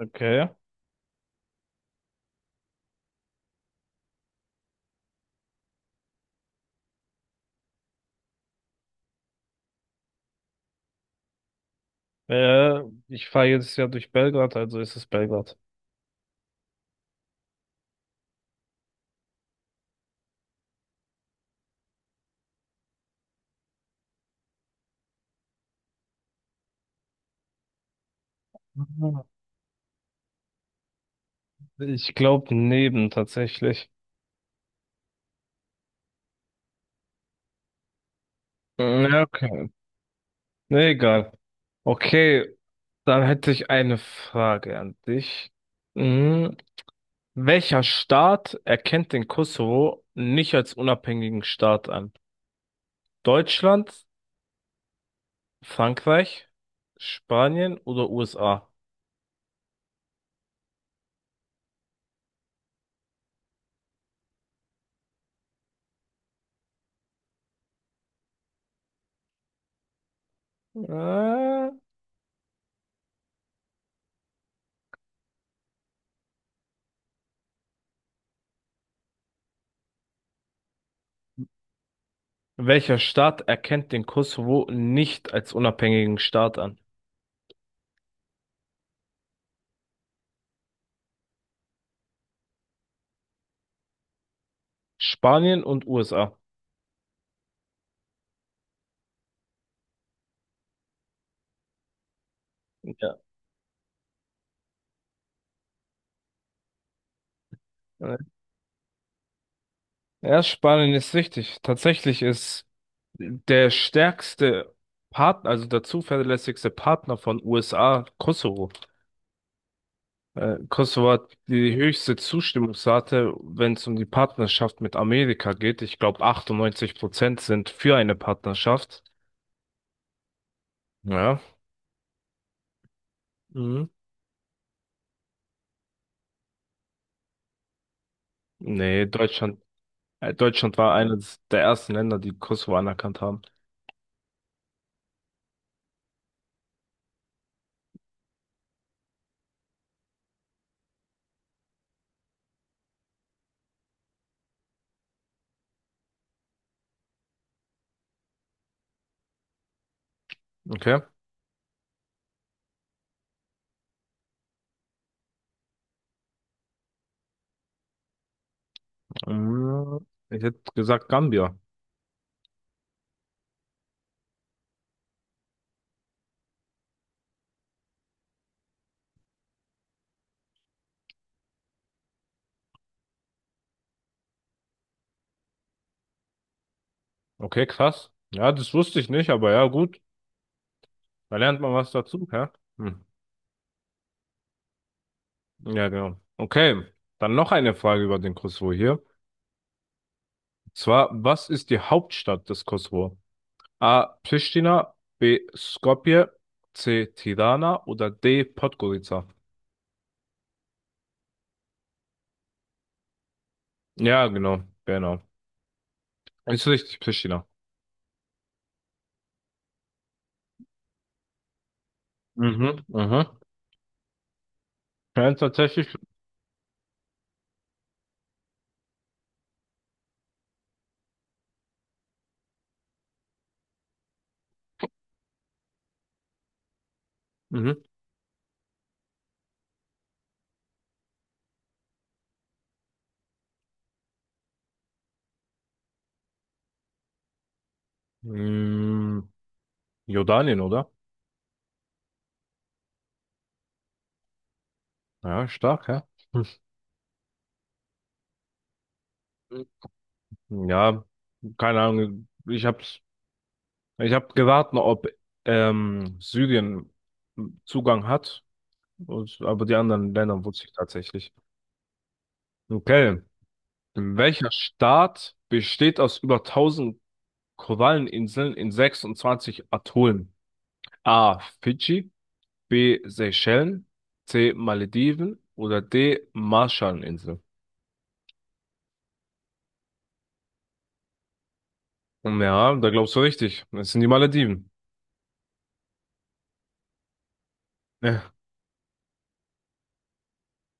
Okay. Äh, Ich fahre jetzt ja durch Belgrad, also ist es Belgrad. Ah. Ich glaube neben tatsächlich. Ja, okay. Nee, egal. Okay, dann hätte ich eine Frage an dich. Mhm. Welcher Staat erkennt den Kosovo nicht als unabhängigen Staat an? Deutschland, Frankreich, Spanien oder USA? Äh, Welcher Staat erkennt den Kosovo nicht als unabhängigen Staat an? Spanien und USA. Ja. Ja, Spanien ist wichtig. Tatsächlich ist der stärkste Partner, also der zuverlässigste Partner von USA, Kosovo. Kosovo hat die höchste Zustimmungsrate, wenn es um die Partnerschaft mit Amerika geht. Ich glaube, 98% sind für eine Partnerschaft. Ja. Mhm. Nee, Deutschland, Deutschland war eines der ersten Länder, die Kosovo anerkannt haben. Okay. Ich hätte gesagt Gambia. Okay, krass. Ja, das wusste ich nicht, aber ja, gut. Da lernt man was dazu, ja? Hm. Ja, genau. Okay, dann noch eine Frage über den Kosovo hier. Und zwar, was ist die Hauptstadt des Kosovo? A. Pristina, B. Skopje, C. Tirana oder D. Podgorica? Ja, genau, genau. Ist richtig, Pristina. Mhm, mhm. Ja, tatsächlich. Mhm. Mm, Jordanien, oder? Ja, stark, ja. Hm. Ja, keine Ahnung. Ich hab gewartet, ob Syrien Zugang hat, und, aber die anderen Länder wusste ich tatsächlich. Okay. Welcher Staat besteht aus über tausend Koralleninseln in 26 Atollen? A. Fidschi, B. Seychellen, C. Malediven oder D. Marshallinseln? Ja, da glaubst du richtig. Das sind die Malediven. Ja.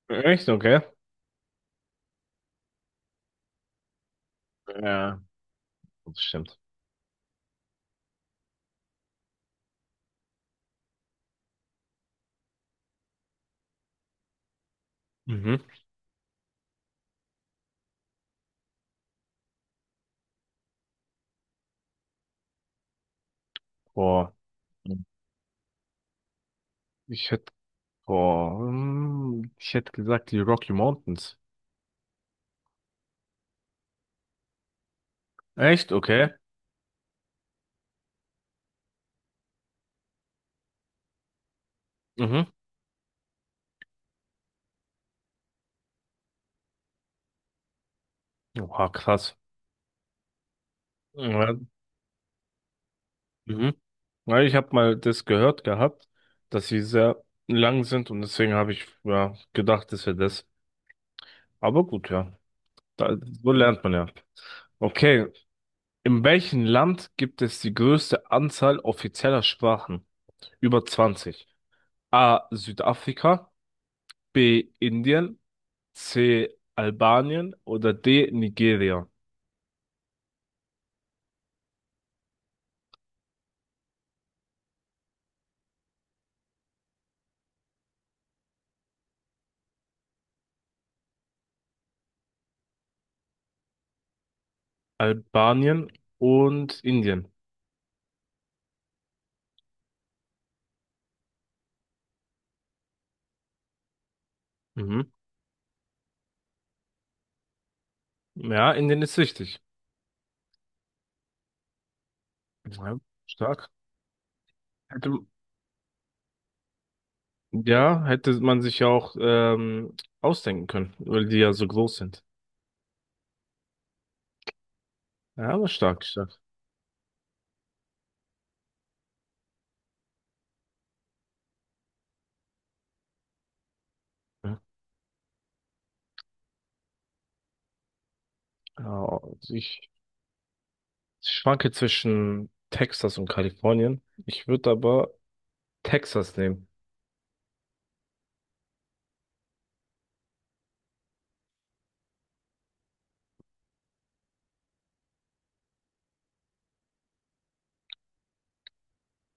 Echt? Okay. Ja, das stimmt. Mhm. Boah, ich hätte, ich hätte gesagt, die Rocky Mountains. Echt? Okay. Mhm. Oha, krass. Ja, mhm. Ja, ich habe mal das gehört gehabt, dass sie sehr lang sind und deswegen habe ich ja gedacht, das wäre das. Aber gut, ja. Da, so lernt man ja. Okay. In welchem Land gibt es die größte Anzahl offizieller Sprachen? Über zwanzig. A. Südafrika, B. Indien, C. Albanien oder D. Nigeria. Albanien und Indien. Mhm. Ja, Indien ist wichtig. Ja, stark. Hätte, ja, hätte man sich ja auch ausdenken können, weil die ja so groß sind. Ja, aber stark, stark. Ja. Ja, ich schwanke zwischen Texas und Kalifornien. Ich würde aber Texas nehmen.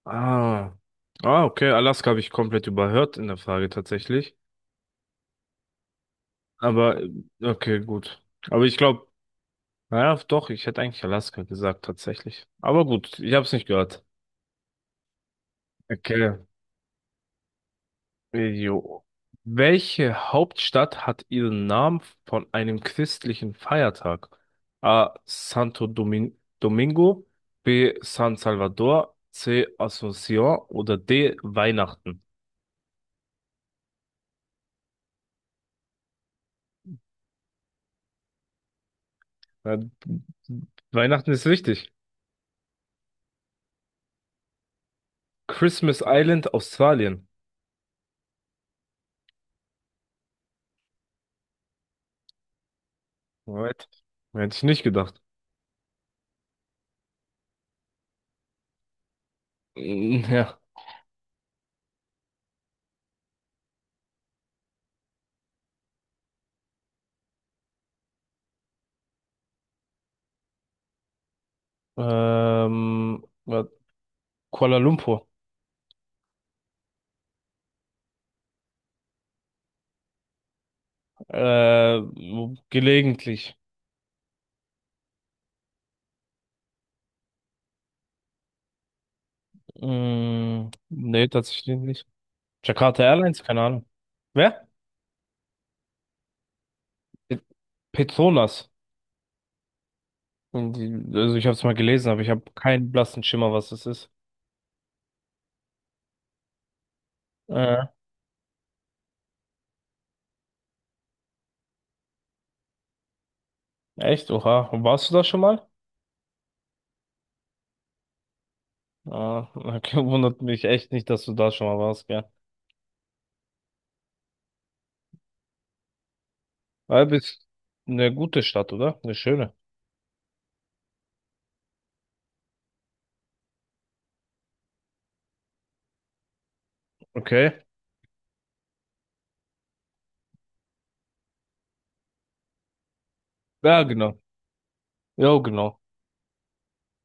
Ah. Ah, okay. Alaska habe ich komplett überhört in der Frage tatsächlich. Aber, okay, gut. Aber ich glaube, naja, doch, ich hätte eigentlich Alaska gesagt, tatsächlich. Aber gut, ich habe es nicht gehört. Okay. Jo. Welche Hauptstadt hat ihren Namen von einem christlichen Feiertag? A. Santo Domin Domingo, B. San Salvador, C. Asunción oder D. Weihnachten. Ja, Weihnachten ist richtig. Christmas Island, Australien. Alright. Hätte ich nicht gedacht. Mm, ja. Ähm, wa- Kuala Lumpur. Äh, Gelegentlich. Mm, nee, tatsächlich nicht. Jakarta Airlines, keine Ahnung. Wer? Pe- Petronas. Hm, also ich habe es mal gelesen, aber ich habe keinen blassen Schimmer, was das ist. Äh, echt? Oha. Warst du da schon mal? Ah, okay, wundert mich echt nicht, dass du da schon mal warst, gell? Weil bist eine gute Stadt, oder? Eine schöne. Okay. Ja, genau. Ja, genau.